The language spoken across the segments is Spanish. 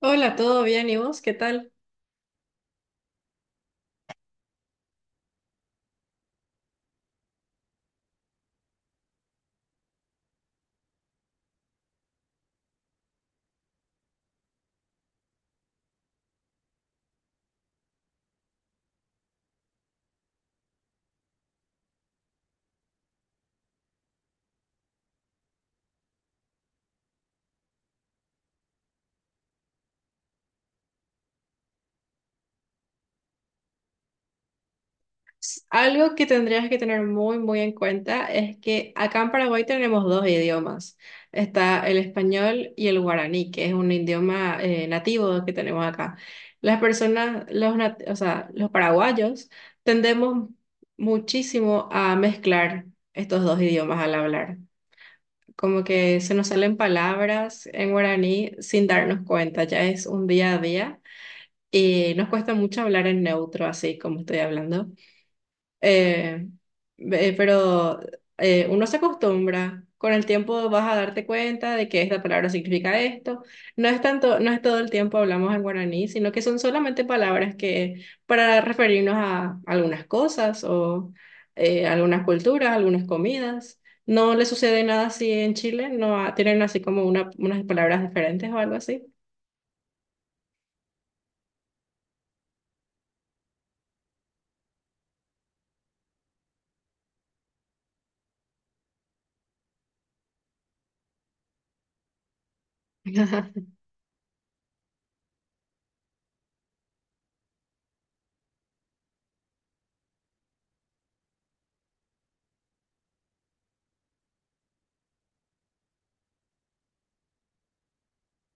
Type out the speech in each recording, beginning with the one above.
Hola, ¿todo bien? ¿Y vos? ¿Qué tal? Algo que tendrías que tener muy en cuenta es que acá en Paraguay tenemos dos idiomas. Está el español y el guaraní, que es un idioma nativo que tenemos acá. Las personas, o sea, los paraguayos tendemos muchísimo a mezclar estos dos idiomas al hablar. Como que se nos salen palabras en guaraní sin darnos cuenta, ya es un día a día y nos cuesta mucho hablar en neutro, así como estoy hablando. Eh, eh, pero Uno se acostumbra. Con el tiempo vas a darte cuenta de que esta palabra significa esto. No es todo el tiempo hablamos en guaraní, sino que son solamente palabras que para referirnos a algunas cosas o algunas culturas, algunas comidas. No le sucede nada así en Chile, no ha- tienen así como unas palabras diferentes o algo así.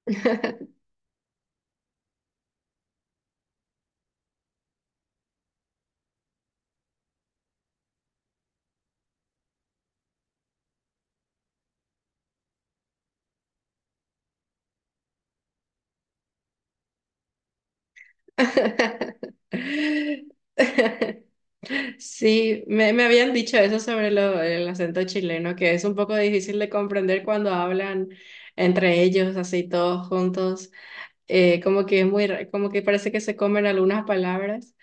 Sí, me habían dicho eso sobre el acento chileno, que es un poco difícil de comprender cuando hablan entre ellos, así todos juntos, como que es como que parece que se comen algunas palabras.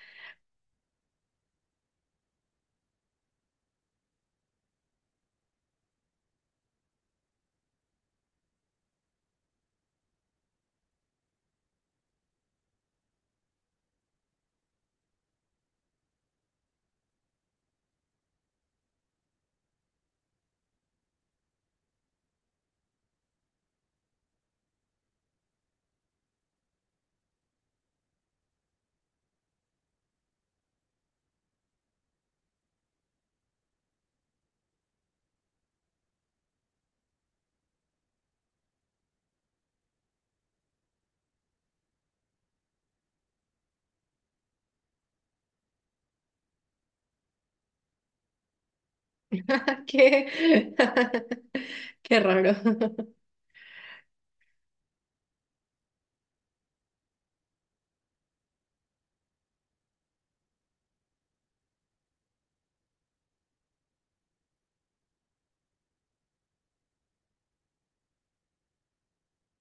Qué, qué raro.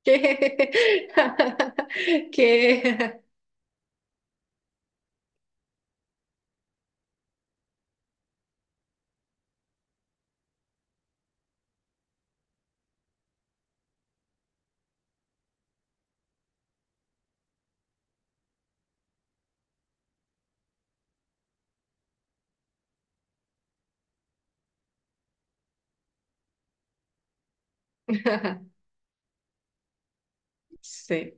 Qué, qué, sí.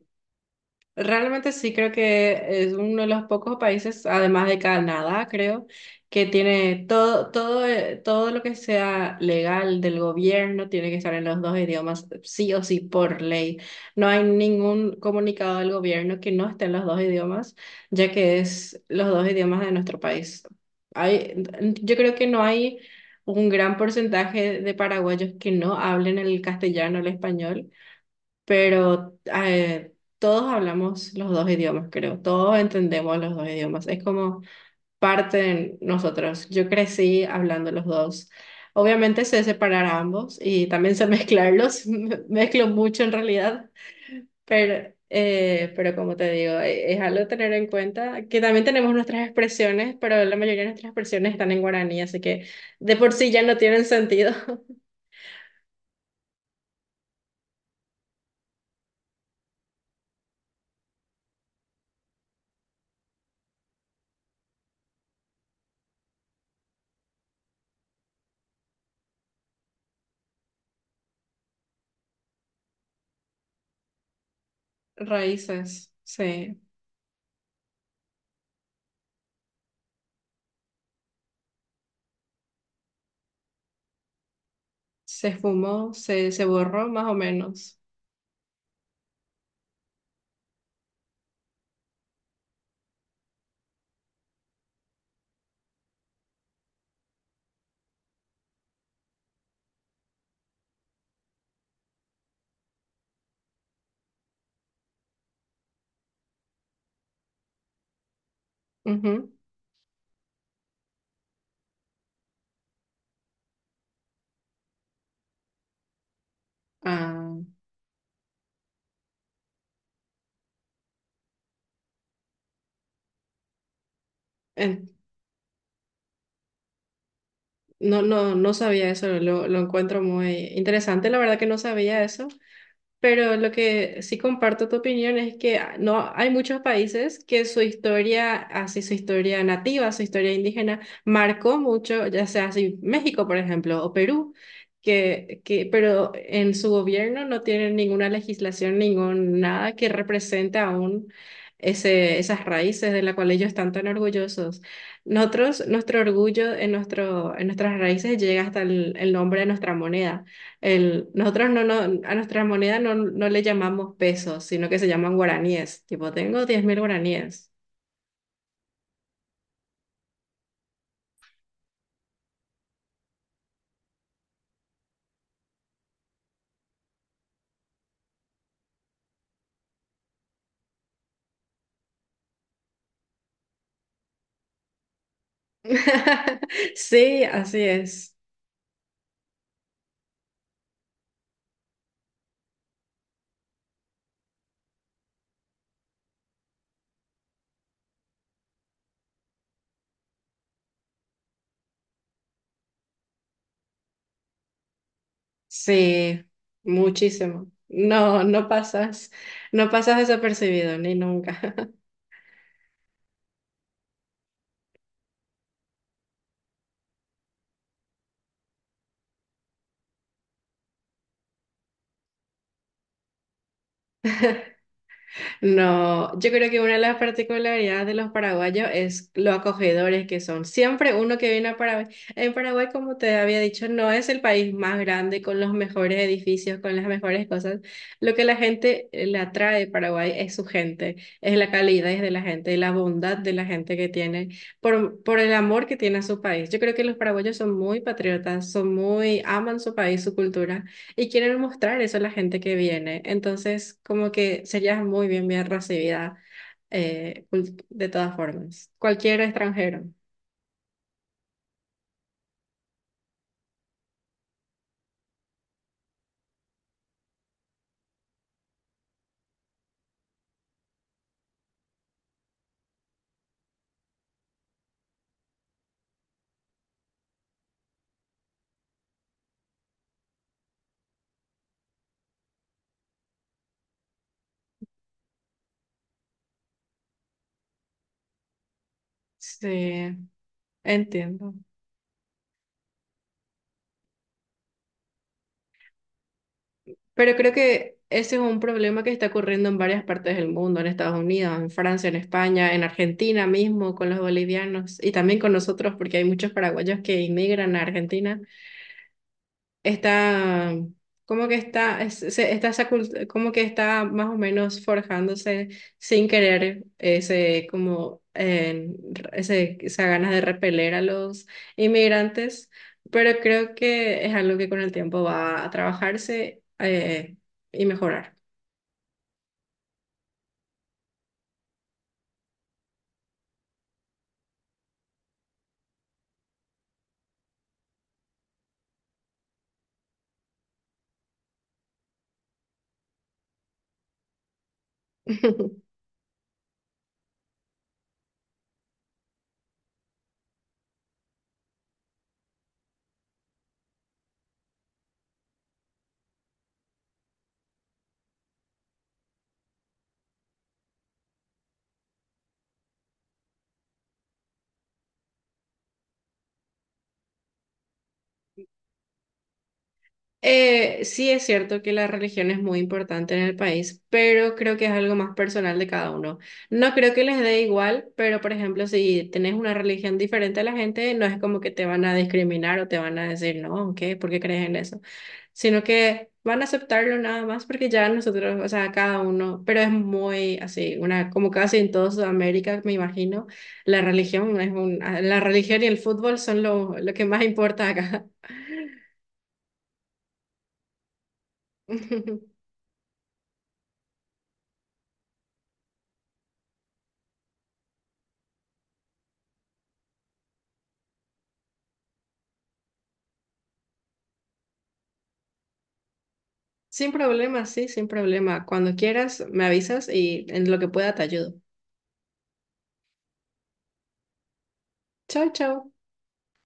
Realmente sí creo que es uno de los pocos países, además de Canadá, creo, que tiene todo lo que sea legal del gobierno tiene que estar en los dos idiomas, sí o sí, por ley. No hay ningún comunicado del gobierno que no esté en los dos idiomas, ya que es los dos idiomas de nuestro país. Hay, yo creo que no hay un gran porcentaje de paraguayos que no hablen el castellano o el español, pero todos hablamos los dos idiomas, creo, todos entendemos los dos idiomas, es como parte de nosotros. Yo crecí hablando los dos. Obviamente sé separar ambos y también sé mezclarlos, mezclo mucho en realidad, pero como te digo, es algo a tener en cuenta, que también tenemos nuestras expresiones, pero la mayoría de nuestras expresiones están en guaraní, así que de por sí ya no tienen sentido. Raíces, sí. Se esfumó, se borró más o menos. Ujú. Ah, en- no sabía eso, lo encuentro muy interesante. La verdad que no sabía eso. Pero lo que sí comparto tu opinión es que ah, no hay muchos países que su historia, así su historia nativa, su historia indígena, marcó mucho, ya sea así México, por ejemplo, o Perú, pero en su gobierno no tienen ninguna legislación, ningún nada que represente aún esas raíces de las cuales ellos están tan orgullosos. Nuestro orgullo, en nuestras raíces, llega hasta el nombre de nuestra moneda. El, nosotros no, no, A nuestra moneda no le llamamos pesos, sino que se llaman guaraníes. Tipo, tengo 10.000 guaraníes. Sí, así es. Sí, muchísimo. No pasas desapercibido, ni nunca. No, yo creo que una de las particularidades de los paraguayos es lo acogedores que son. Siempre uno que viene a Paraguay, En Paraguay, como te había dicho, no es el país más grande con los mejores edificios, con las mejores cosas. Lo que la gente le atrae a Paraguay es su gente, es la calidez de la gente, la bondad de la gente que tiene, por el amor que tiene a su país. Yo creo que los paraguayos son muy patriotas, aman su país, su cultura. Y quieren mostrar eso a la gente que viene. Entonces, como que serías bien recibida de todas formas. Cualquier extranjero. Sí, entiendo. Pero creo que ese es un problema que está ocurriendo en varias partes del mundo, en Estados Unidos, en Francia, en España, en Argentina mismo, con los bolivianos y también con nosotros, porque hay muchos paraguayos que inmigran a Argentina. está, Está esa como que está más o menos forjándose sin querer esa ganas de repeler a los inmigrantes, pero creo que es algo que con el tiempo va a trabajarse y mejorar. Sí es cierto que la religión es muy importante en el país, pero creo que es algo más personal de cada uno. No creo que les dé igual, pero por ejemplo, si tenés una religión diferente a la gente, no es como que te van a discriminar o te van a decir, no, ¿qué? ¿Por qué crees en eso? Sino que van a aceptarlo nada más porque ya nosotros, o sea, cada uno, pero es muy así, una, como casi en toda Sudamérica, me imagino, la religión y el fútbol son lo que más importa acá. Sin problema, sí, sin problema. Cuando quieras, me avisas y en lo que pueda te ayudo. Chao, chao.